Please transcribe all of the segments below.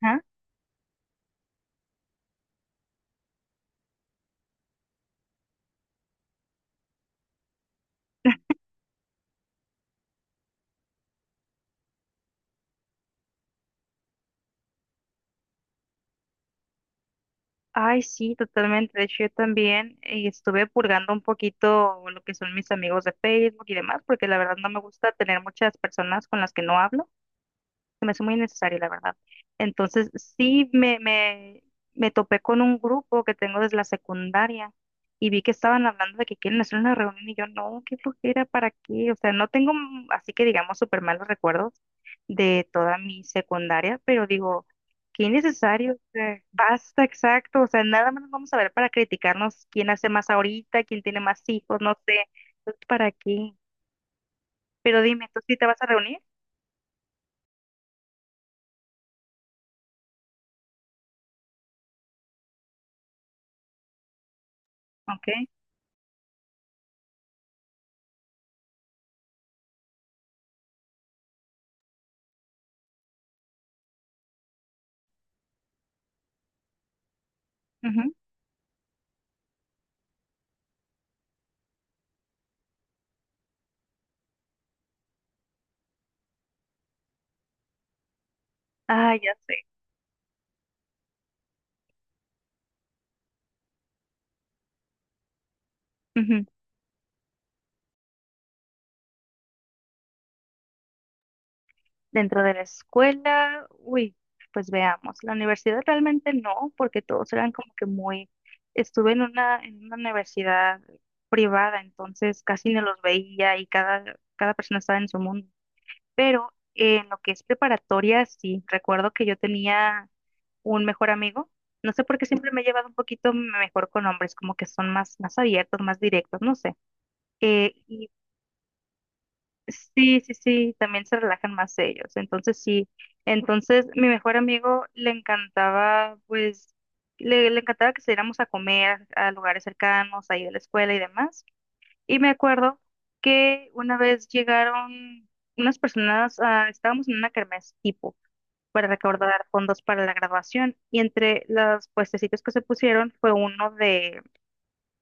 Ajá. Ay, sí, totalmente. De hecho, yo también estuve purgando un poquito lo que son mis amigos de Facebook y demás, porque la verdad no me gusta tener muchas personas con las que no hablo. Se me hace muy innecesario, la verdad. Entonces, sí me topé con un grupo que tengo desde la secundaria y vi que estaban hablando de que quieren hacer una reunión y yo, no, qué flojera, ¿para qué? O sea, no tengo, así que digamos, súper malos recuerdos de toda mi secundaria, pero digo, qué innecesario, o sea, basta, exacto, o sea, nada más nos vamos a ver para criticarnos quién hace más ahorita, quién tiene más hijos, no sé, entonces, ¿para qué? Pero dime, ¿tú sí te vas a reunir? Ok. Ujú. Ah, ya sé. Dentro de la escuela, uy, pues veamos. La universidad realmente no, porque todos eran como que muy. Estuve en una universidad privada, entonces casi no los veía y cada persona estaba en su mundo. Pero en lo que es preparatoria, sí, recuerdo que yo tenía un mejor amigo. No sé por qué siempre me he llevado un poquito mejor con hombres, como que son más, más abiertos, más directos, no sé. Eh, y Sí, sí, sí, también se relajan más ellos. Entonces, sí. Entonces, mi mejor amigo le encantaba, pues, le encantaba que saliéramos a comer a lugares cercanos, ahí de la escuela y demás. Y me acuerdo que una vez llegaron unas personas, ah, estábamos en una kermés tipo para recaudar fondos para la graduación. Y entre los puestecitos que se pusieron fue uno de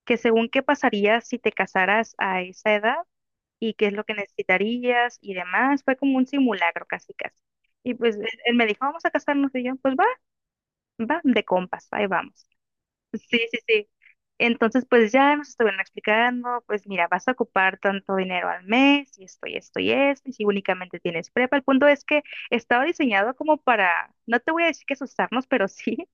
que según qué pasaría si te casaras a esa edad y qué es lo que necesitarías y demás. Fue como un simulacro casi casi. Y pues él me dijo, vamos a casarnos y yo, pues va, va, de compas, ahí vamos. Sí, sí, sí. Entonces, pues ya nos estuvieron explicando, pues mira, vas a ocupar tanto dinero al mes y esto y esto y esto, y si únicamente tienes prepa. El punto es que estaba diseñado como para, no te voy a decir que asustarnos, pero sí,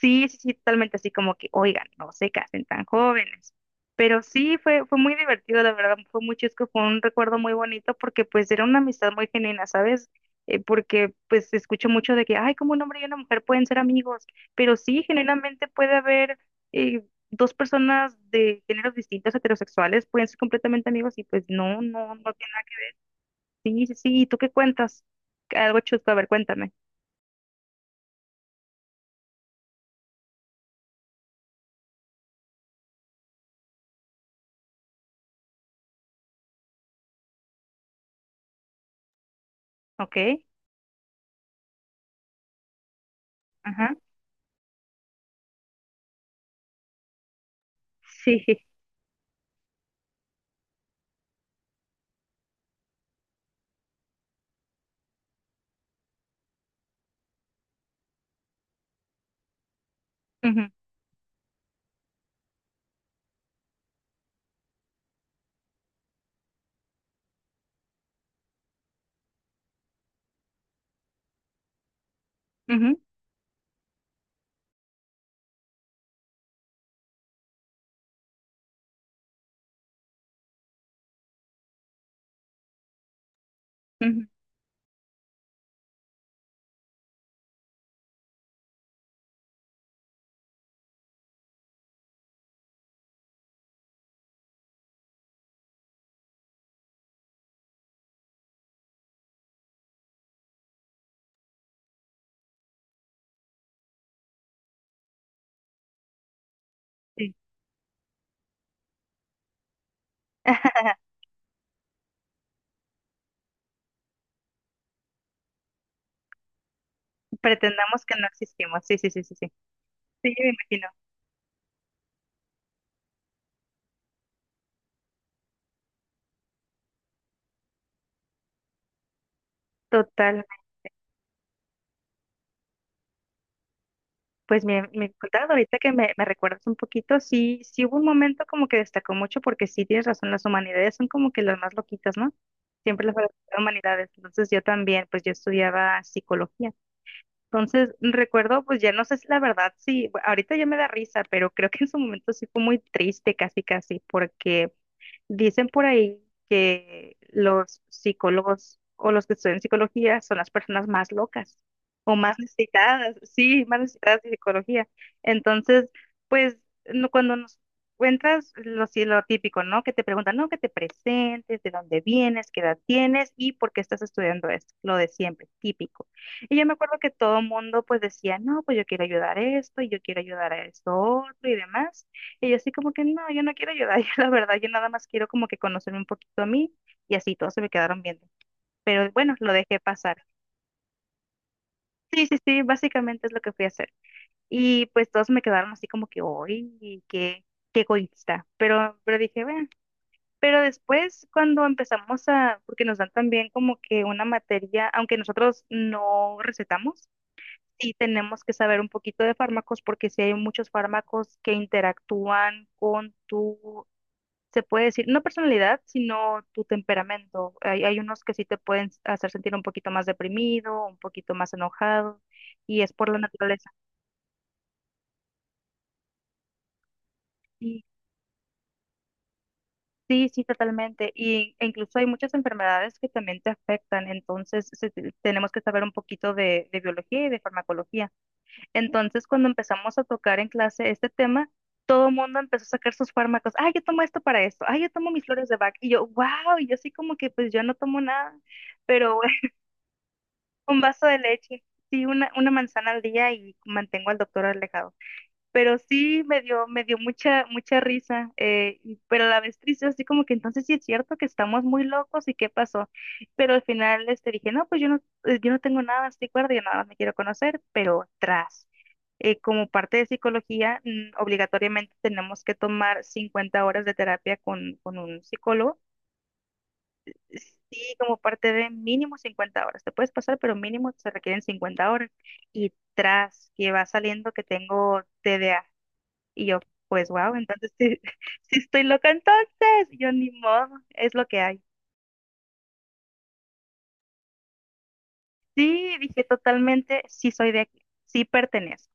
sí, sí, sí, totalmente así como que, oigan, no se casen tan jóvenes. Pero sí, fue muy divertido, la verdad, fue muy chusco, fue un recuerdo muy bonito porque pues era una amistad muy genuina, ¿sabes? Porque pues escucho mucho de que, ay, como un hombre y una mujer pueden ser amigos, pero sí, generalmente puede haber eh, dos personas de géneros distintos, heterosexuales, pueden ser completamente amigos y pues no, no, no tiene. Sí, sí, sí, ¿y tú qué cuentas? Algo chusco, a ver, cuéntame, ¿ok? Ajá, sí, ujú, ujú, ujú, sí. Pretendamos que no existimos. Sí, sí, sí, sí, sí. Sí, me imagino. Total. Pues me contabas ahorita que me recuerdas un poquito, sí, sí hubo un momento como que destacó mucho porque sí tienes razón, las humanidades son como que las más loquitas, ¿no? Siempre las humanidades. Entonces yo también, pues yo estudiaba psicología. Entonces recuerdo, pues ya no sé si la verdad, sí, ahorita ya me da risa, pero creo que en su momento sí fue muy triste, casi, casi, porque dicen por ahí que los psicólogos o los que estudian psicología son las personas más locas o más necesitadas, sí, más necesitadas de psicología. Entonces, pues cuando nos encuentras lo, sí, lo típico, ¿no? Que te preguntan, no, que te presentes, de dónde vienes, qué edad tienes y por qué estás estudiando esto, lo de siempre, típico. Y yo me acuerdo que todo el mundo pues decía, no, pues yo quiero ayudar a esto y yo quiero ayudar a esto otro y demás. Y yo así como que no, yo no quiero ayudar, yo la verdad, yo nada más quiero como que conocerme un poquito a mí y así todos se me quedaron viendo. Pero bueno, lo dejé pasar. Sí, sí, sí, básicamente es lo que fui a hacer. Y pues todos me quedaron así como que, uy, qué egoísta. Pero dije, bueno, pero después cuando porque nos dan también como que una materia, aunque nosotros no recetamos, sí tenemos que saber un poquito de fármacos porque sí hay muchos fármacos que interactúan con tu se puede decir, no personalidad, sino tu temperamento. Hay unos que sí te pueden hacer sentir un poquito más deprimido, un poquito más enojado, y es por la naturaleza. Sí, sí, sí, totalmente. Y, e incluso hay muchas enfermedades que también te afectan, entonces tenemos que saber un poquito de, biología y de farmacología. Entonces, cuando empezamos a tocar en clase este tema, todo el mundo empezó a sacar sus fármacos. Ah, yo tomo esto para esto. Ah, yo tomo mis flores de Bach. Y yo, wow, y yo así como que pues yo no tomo nada. Pero un vaso de leche, sí, una manzana al día y mantengo al doctor alejado. Pero sí me dio mucha, mucha risa, pero a la vez triste, así como que entonces sí es cierto que estamos muy locos y qué pasó. Pero al final este, dije, no, pues yo no tengo nada, estoy cuerda, yo nada más me quiero conocer, pero tras. Como parte de psicología, obligatoriamente tenemos que tomar 50 horas de terapia con, un psicólogo. Sí, como parte de mínimo 50 horas. Te puedes pasar, pero mínimo se requieren 50 horas. Y tras que va saliendo que tengo TDA. Y yo, pues wow, entonces sí, sí estoy loca entonces. Y yo ni modo, es lo que hay. Sí, dije totalmente, sí soy de aquí, sí pertenezco.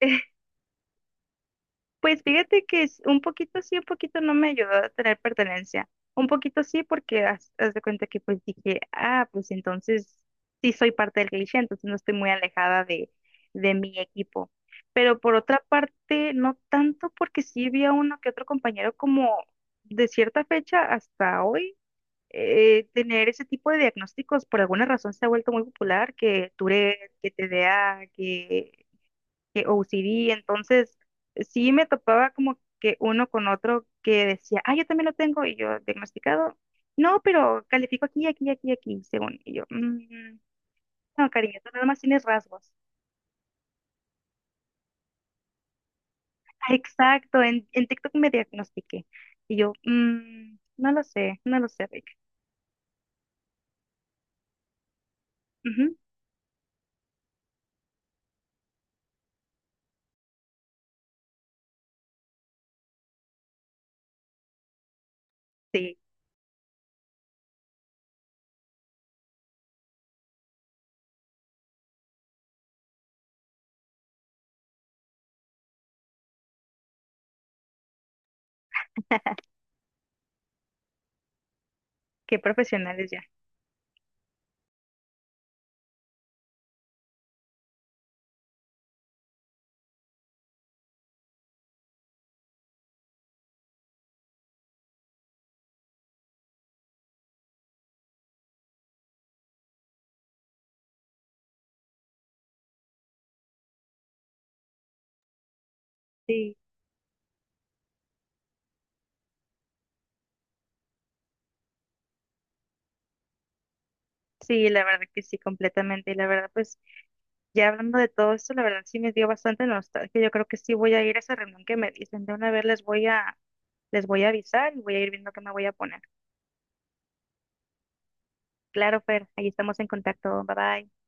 Pues fíjate que es un poquito sí, un poquito no me ayudó a tener pertenencia. Un poquito sí, porque haz de cuenta que pues dije, ah, pues entonces sí soy parte del cliché, entonces no estoy muy alejada de mi equipo. Pero por otra parte, no tanto porque sí había uno que otro compañero como de cierta fecha hasta hoy, tener ese tipo de diagnósticos por alguna razón se ha vuelto muy popular, que Tourette, que TDA, que OCD, entonces sí me topaba como que uno con otro que decía, ah, yo también lo tengo, y yo, diagnosticado, no, pero califico aquí, aquí, aquí, aquí, según, y yo, "Mm, no, cariño, tú nada más tienes rasgos. Ah, exacto, en TikTok me diagnostiqué, y yo, "Mm, no lo sé, no lo sé, Rick. Ujú, sí, qué profesionales ya. Sí, sí, la verdad que sí, completamente, y la verdad, pues, ya hablando de todo esto, la verdad sí me dio bastante nostalgia. Yo creo que sí voy a ir a esa reunión que me dicen. De una vez les voy a, Les voy a avisar y voy a ir viendo qué me voy a poner. Claro, Fer, ahí estamos en contacto. Bye bye.